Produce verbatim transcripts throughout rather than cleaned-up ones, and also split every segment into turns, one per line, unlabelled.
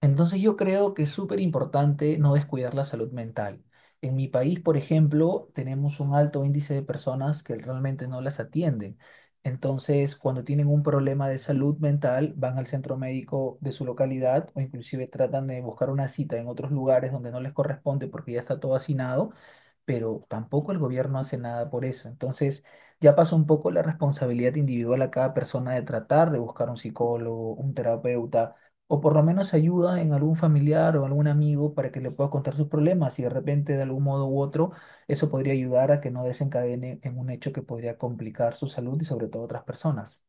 Entonces yo creo que es súper importante no descuidar la salud mental. En mi país, por ejemplo, tenemos un alto índice de personas que realmente no las atienden. Entonces, cuando tienen un problema de salud mental, van al centro médico de su localidad o inclusive tratan de buscar una cita en otros lugares donde no les corresponde porque ya está todo hacinado, pero tampoco el gobierno hace nada por eso. Entonces, ya pasó un poco la responsabilidad individual a cada persona de tratar de buscar un psicólogo, un terapeuta, o por lo menos ayuda en algún familiar o algún amigo para que le pueda contar sus problemas y de repente, de algún modo u otro, eso podría ayudar a que no desencadene en un hecho que podría complicar su salud y sobre todo otras personas.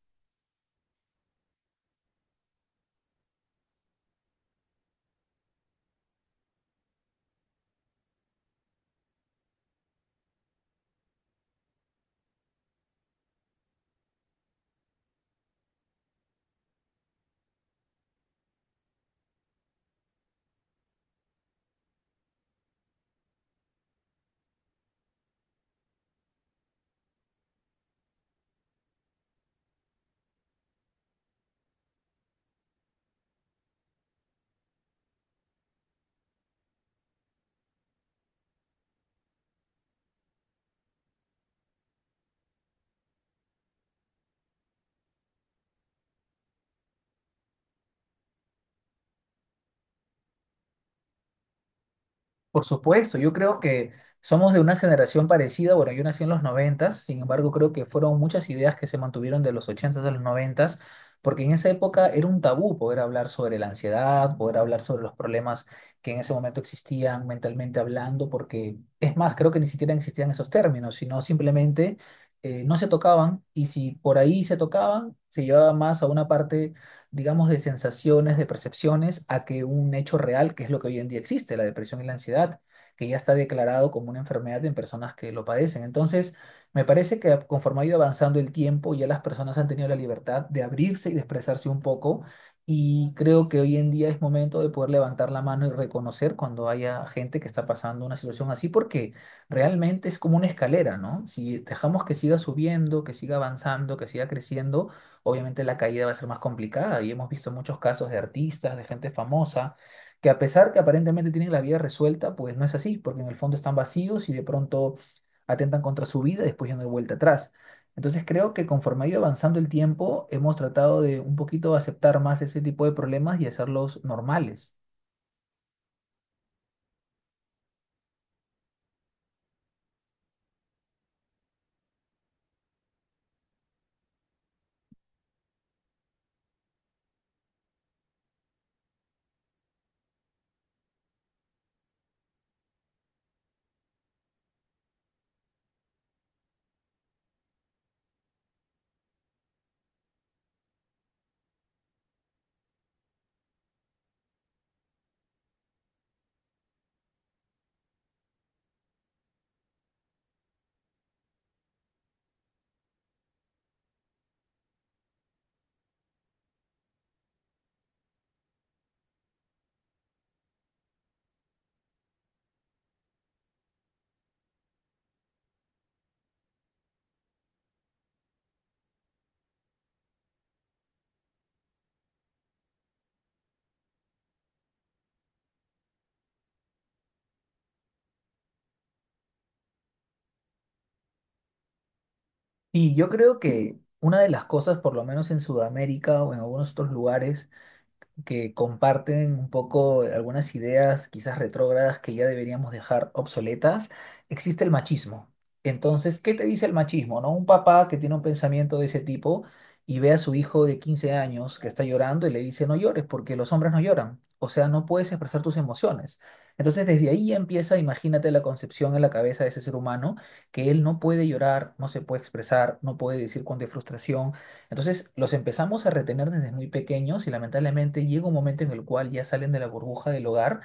Por supuesto, yo creo que somos de una generación parecida. Bueno, yo nací en los noventas, sin embargo, creo que fueron muchas ideas que se mantuvieron de los ochentas s a los noventas, porque en esa época era un tabú poder hablar sobre la ansiedad, poder hablar sobre los problemas que en ese momento existían mentalmente hablando, porque es más, creo que ni siquiera existían esos términos, sino simplemente eh, no se tocaban, y si por ahí se tocaban, se llevaba más a una parte, digamos, de sensaciones, de percepciones, a que un hecho real, que es lo que hoy en día existe, la depresión y la ansiedad, que ya está declarado como una enfermedad en personas que lo padecen. Entonces, me parece que conforme ha ido avanzando el tiempo, ya las personas han tenido la libertad de abrirse y de expresarse un poco. Y creo que hoy en día es momento de poder levantar la mano y reconocer cuando haya gente que está pasando una situación así, porque realmente es como una escalera, ¿no? Si dejamos que siga subiendo, que siga avanzando, que siga creciendo, obviamente la caída va a ser más complicada, y hemos visto muchos casos de artistas, de gente famosa, que a pesar que aparentemente tienen la vida resuelta, pues no es así, porque en el fondo están vacíos y de pronto atentan contra su vida y después ya no hay vuelta atrás. Entonces creo que conforme ha ido avanzando el tiempo, hemos tratado de un poquito aceptar más ese tipo de problemas y hacerlos normales. Y yo creo que una de las cosas, por lo menos en Sudamérica o en algunos otros lugares, que comparten un poco algunas ideas quizás retrógradas que ya deberíamos dejar obsoletas, existe el machismo. Entonces, ¿qué te dice el machismo, no? Un papá que tiene un pensamiento de ese tipo y ve a su hijo de quince años que está llorando y le dice, no llores porque los hombres no lloran. O sea, no puedes expresar tus emociones. Entonces, desde ahí empieza, imagínate la concepción en la cabeza de ese ser humano, que él no puede llorar, no se puede expresar, no puede decir cuando hay frustración, entonces los empezamos a retener desde muy pequeños y lamentablemente llega un momento en el cual ya salen de la burbuja del hogar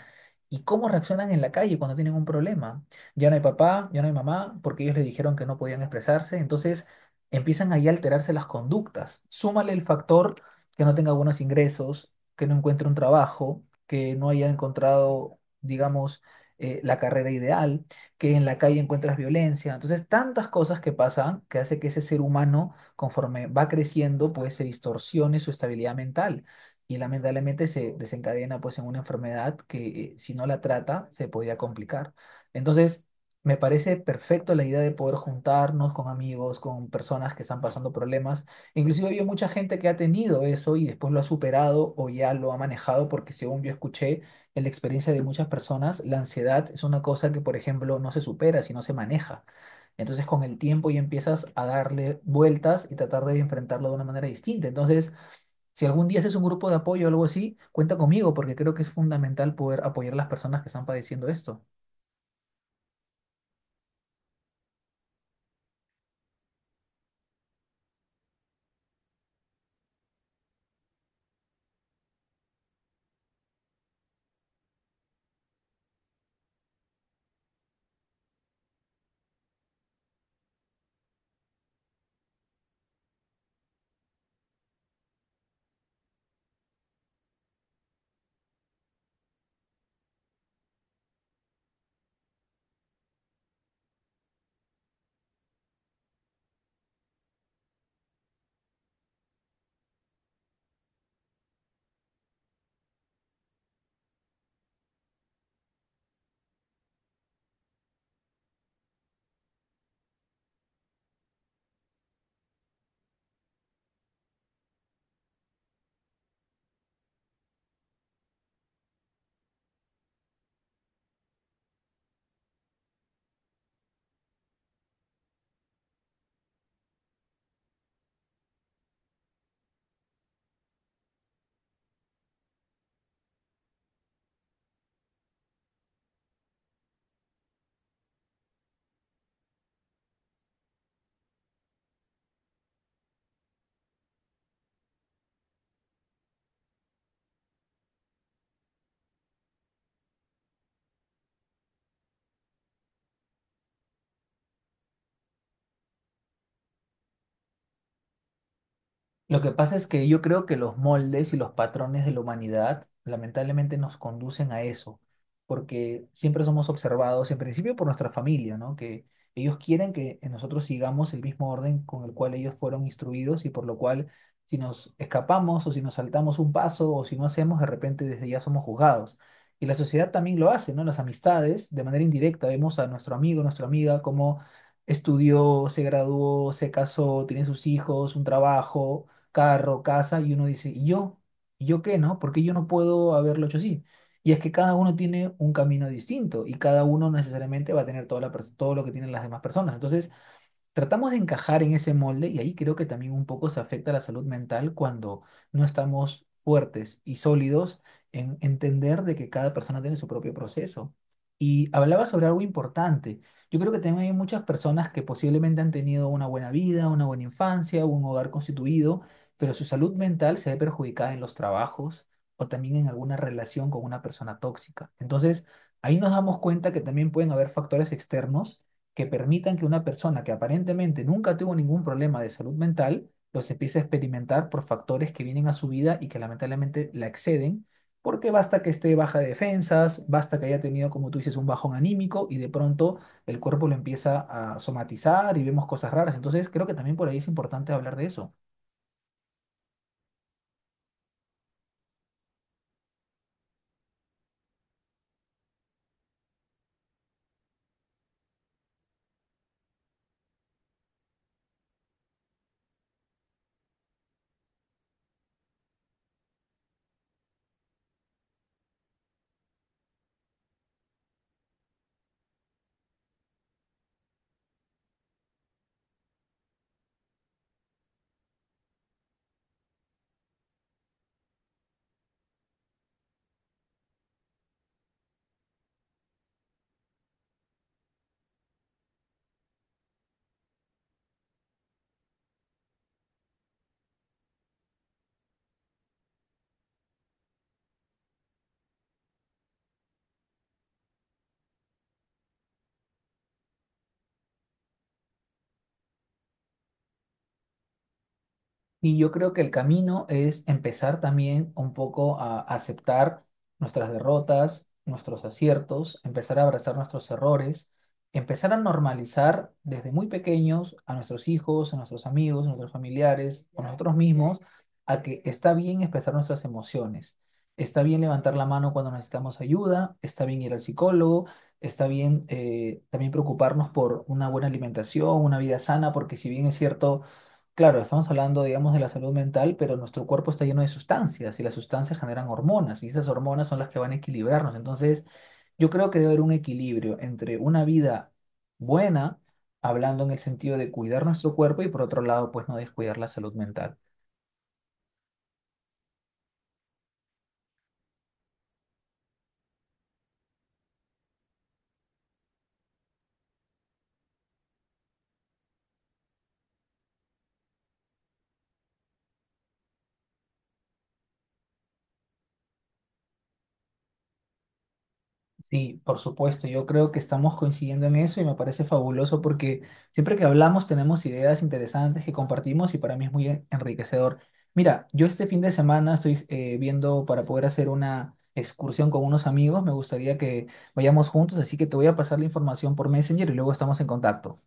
y cómo reaccionan en la calle cuando tienen un problema. Ya no hay papá, ya no hay mamá, porque ellos les dijeron que no podían expresarse, entonces empiezan ahí a alterarse las conductas. Súmale el factor que no tenga buenos ingresos, que no encuentre un trabajo, que no haya encontrado, digamos, eh, la carrera ideal, que en la calle encuentras violencia. Entonces, tantas cosas que pasan que hace que ese ser humano conforme va creciendo, pues se distorsione su estabilidad mental y lamentablemente se desencadena pues en una enfermedad que, eh, si no la trata se podría complicar. Entonces, me parece perfecto la idea de poder juntarnos con amigos, con personas que están pasando problemas. Inclusive había mucha gente que ha tenido eso y después lo ha superado o ya lo ha manejado, porque según yo escuché en la experiencia de muchas personas, la ansiedad es una cosa que, por ejemplo, no se supera, sino se maneja. Entonces con el tiempo ya empiezas a darle vueltas y tratar de enfrentarlo de una manera distinta. Entonces, si algún día haces un grupo de apoyo o algo así, cuenta conmigo porque creo que es fundamental poder apoyar a las personas que están padeciendo esto. Lo que pasa es que yo creo que los moldes y los patrones de la humanidad lamentablemente nos conducen a eso, porque siempre somos observados, en principio por nuestra familia, ¿no? Que ellos quieren que nosotros sigamos el mismo orden con el cual ellos fueron instruidos y por lo cual si nos escapamos o si nos saltamos un paso o si no hacemos, de repente desde ya somos juzgados. Y la sociedad también lo hace, ¿no? Las amistades, de manera indirecta, vemos a nuestro amigo, nuestra amiga, cómo estudió, se graduó, se casó, tiene sus hijos, un trabajo, carro, casa, y uno dice, ¿y yo? ¿Y yo qué, no? ¿Por qué yo no puedo haberlo hecho así? Y es que cada uno tiene un camino distinto y cada uno necesariamente va a tener toda la, pers- todo lo que tienen las demás personas. Entonces, tratamos de encajar en ese molde y ahí creo que también un poco se afecta la salud mental cuando no estamos fuertes y sólidos en entender de que cada persona tiene su propio proceso. Y hablaba sobre algo importante. Yo creo que también hay muchas personas que posiblemente han tenido una buena vida, una buena infancia, un hogar constituido, pero su salud mental se ve perjudicada en los trabajos o también en alguna relación con una persona tóxica. Entonces, ahí nos damos cuenta que también pueden haber factores externos que permitan que una persona que aparentemente nunca tuvo ningún problema de salud mental, los empiece a experimentar por factores que vienen a su vida y que lamentablemente la exceden, porque basta que esté baja de defensas, basta que haya tenido, como tú dices, un bajón anímico y de pronto el cuerpo lo empieza a somatizar y vemos cosas raras. Entonces creo que también por ahí es importante hablar de eso. Y yo creo que el camino es empezar también un poco a aceptar nuestras derrotas, nuestros aciertos, empezar a abrazar nuestros errores, empezar a normalizar desde muy pequeños a nuestros hijos, a nuestros amigos, a nuestros familiares, a nosotros mismos, a que está bien expresar nuestras emociones, está bien levantar la mano cuando necesitamos ayuda, está bien ir al psicólogo, está bien eh, también preocuparnos por una buena alimentación, una vida sana, porque si bien es cierto, claro, estamos hablando, digamos, de la salud mental, pero nuestro cuerpo está lleno de sustancias y las sustancias generan hormonas y esas hormonas son las que van a equilibrarnos. Entonces, yo creo que debe haber un equilibrio entre una vida buena, hablando en el sentido de cuidar nuestro cuerpo y por otro lado, pues no descuidar la salud mental. Sí, por supuesto, yo creo que estamos coincidiendo en eso y me parece fabuloso porque siempre que hablamos tenemos ideas interesantes que compartimos y para mí es muy en- enriquecedor. Mira, yo este fin de semana estoy eh, viendo para poder hacer una excursión con unos amigos, me gustaría que vayamos juntos, así que te voy a pasar la información por Messenger y luego estamos en contacto.